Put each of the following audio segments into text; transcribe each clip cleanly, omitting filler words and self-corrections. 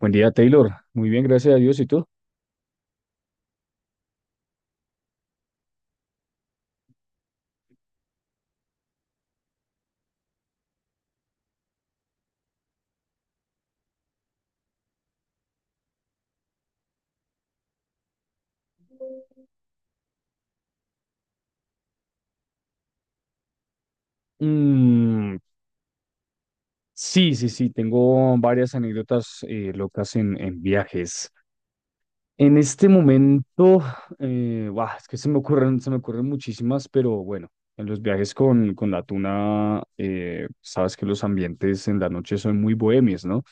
Buen día, Taylor. Muy bien, gracias a Dios. ¿Y tú? Mm, sí. Tengo varias anécdotas locas en viajes. En este momento, buah, es que se me ocurren muchísimas, pero bueno, en los viajes con la tuna, sabes que los ambientes en la noche son muy bohemios, ¿no?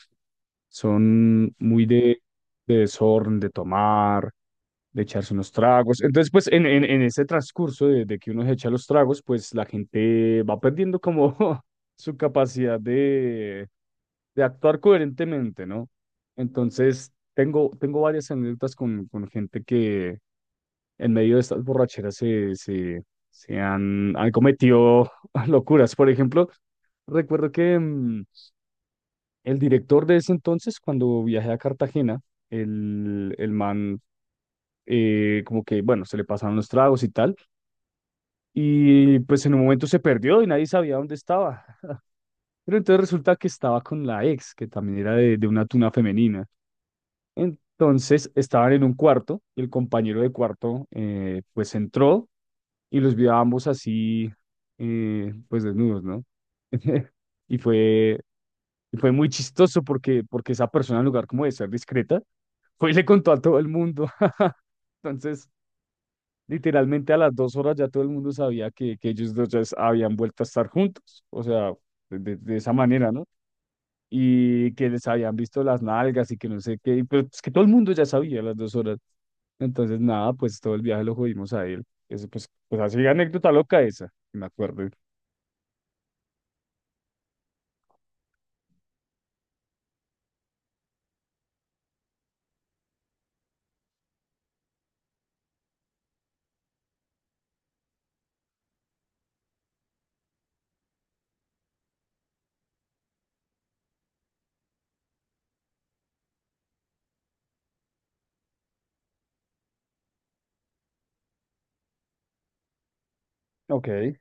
Son muy de desorden, de tomar, de echarse unos tragos. Entonces, pues en ese transcurso de que uno se echa los tragos, pues la gente va perdiendo como su capacidad de actuar coherentemente, ¿no? Entonces, tengo varias anécdotas con gente que en medio de estas borracheras se han cometido locuras. Por ejemplo, recuerdo que el director de ese entonces, cuando viajé a Cartagena, el man como que, bueno, se le pasaron los tragos y tal, y pues en un momento se perdió y nadie sabía dónde estaba. Pero entonces resulta que estaba con la ex, que también era de una tuna femenina. Entonces estaban en un cuarto y el compañero de cuarto pues entró y los vio a ambos así, pues desnudos, ¿no? Y fue, y fue muy chistoso porque, porque esa persona, en lugar como de ser discreta, fue y le contó a todo el mundo. Entonces, literalmente a las dos horas ya todo el mundo sabía que ellos dos ya habían vuelto a estar juntos, o sea, de esa manera, ¿no? Y que les habían visto las nalgas y que no sé qué, y pues, pues que todo el mundo ya sabía a las dos horas. Entonces, nada, pues todo el viaje lo jodimos a él. Eso, pues, pues así anécdota loca esa, que me acuerdo. Ok. ¿Eh?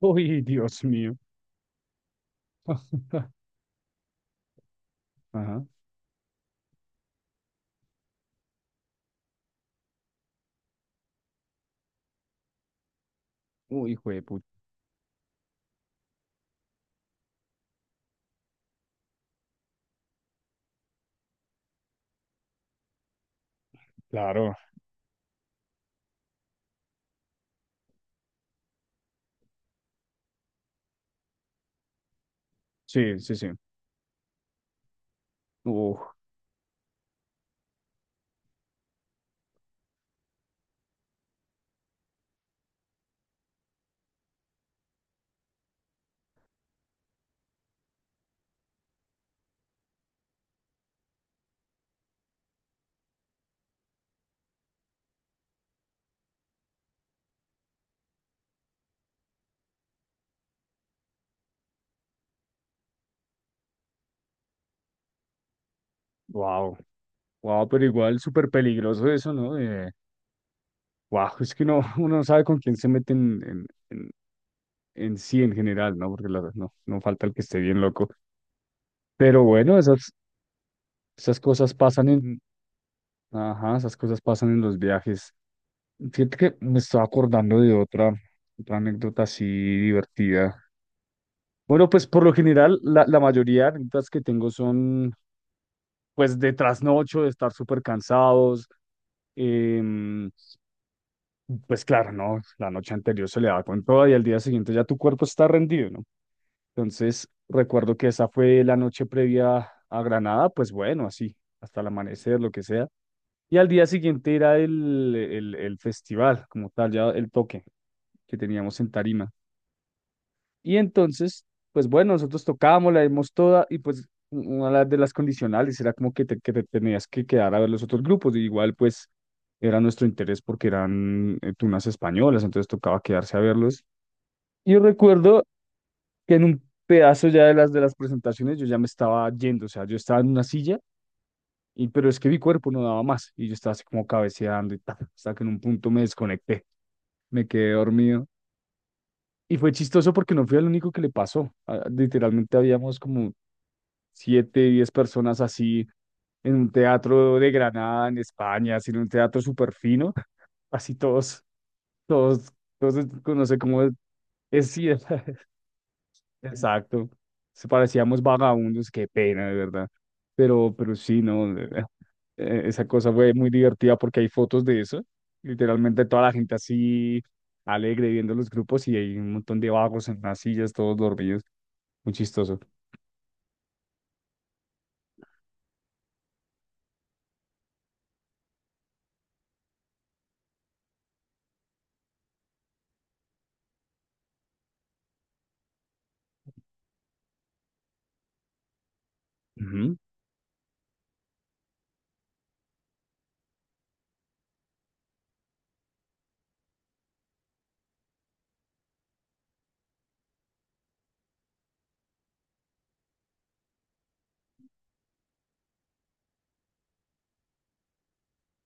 Uy, Dios mío. Ajá. Uy, hijo de puta. Claro, sí, sí, sí. Uf, wow, wow, pero igual súper peligroso eso, ¿no? Wow, es que no uno no sabe con quién se mete en sí en general, ¿no? Porque no, no falta el que esté bien loco. Pero bueno, esas cosas pasan en, ajá, esas cosas pasan en los viajes. Fíjate que me estaba acordando de otra, otra anécdota así divertida. Bueno, pues por lo general, la mayoría de anécdotas que tengo son, pues, de trasnocho, de estar súper cansados. em, pues claro, ¿no? La noche anterior se le da con todo y al día siguiente ya tu cuerpo está rendido, ¿no? Entonces, recuerdo que esa fue la noche previa a Granada, pues bueno, así, hasta el amanecer, lo que sea. Y al día siguiente era el festival, como tal, ya el toque que teníamos en Tarima. Y entonces, pues bueno, nosotros tocábamos, la dimos toda y pues una de las condicionales era como que que te tenías que quedar a ver los otros grupos. Y igual, pues era nuestro interés porque eran tunas españolas, entonces tocaba quedarse a verlos. Y recuerdo que en un pedazo ya de las presentaciones yo ya me estaba yendo, o sea, yo estaba en una silla, y, pero es que mi cuerpo no daba más y yo estaba así como cabeceando y tal, hasta que en un punto me desconecté, me quedé dormido. Y fue chistoso porque no fui el único que le pasó. Literalmente habíamos como siete, diez personas así en un teatro de Granada, en España, así en un teatro súper fino, así todos, todos, no sé cómo es, exacto. Se parecíamos vagabundos, qué pena, de verdad. Pero sí, no. Esa cosa fue muy divertida porque hay fotos de eso. Literalmente toda la gente así alegre viendo los grupos y hay un montón de vagos en las sillas, todos dormidos. Muy chistoso. Ujú.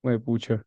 Hue pucha.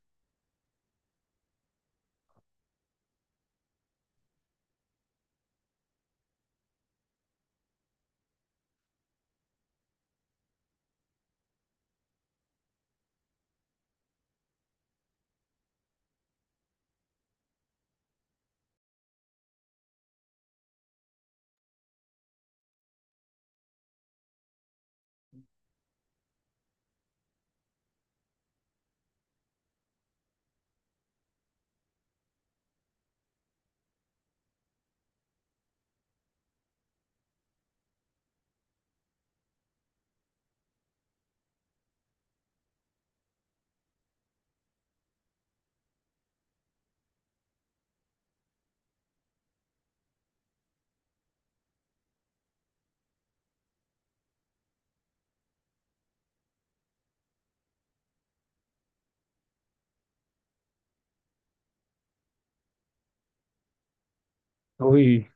Uy.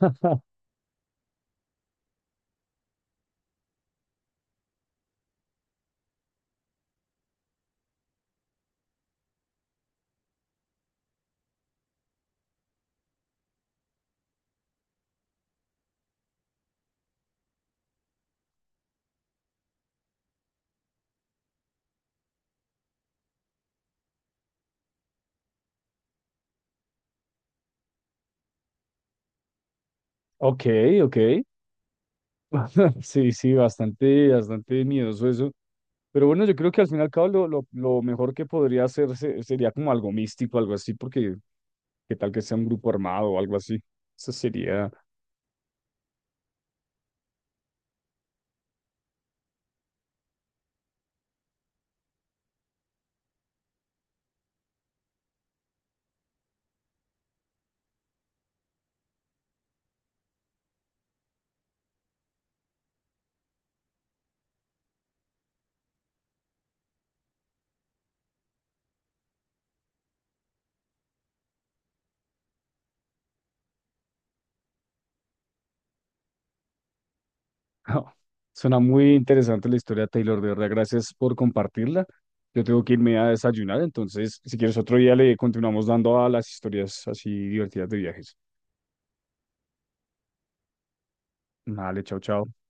Ok, ok. Sí, sí, bastante, bastante miedoso eso. Pero bueno, yo creo que al fin y al cabo lo mejor que podría hacer sería como algo místico, algo así. Porque ¿qué tal que sea un grupo armado o algo así? Eso sería... Suena muy interesante la historia, Taylor. De verdad, gracias por compartirla. Yo tengo que irme a desayunar, entonces, si quieres otro día le continuamos dando a las historias así divertidas de viajes. Vale, chao, chao.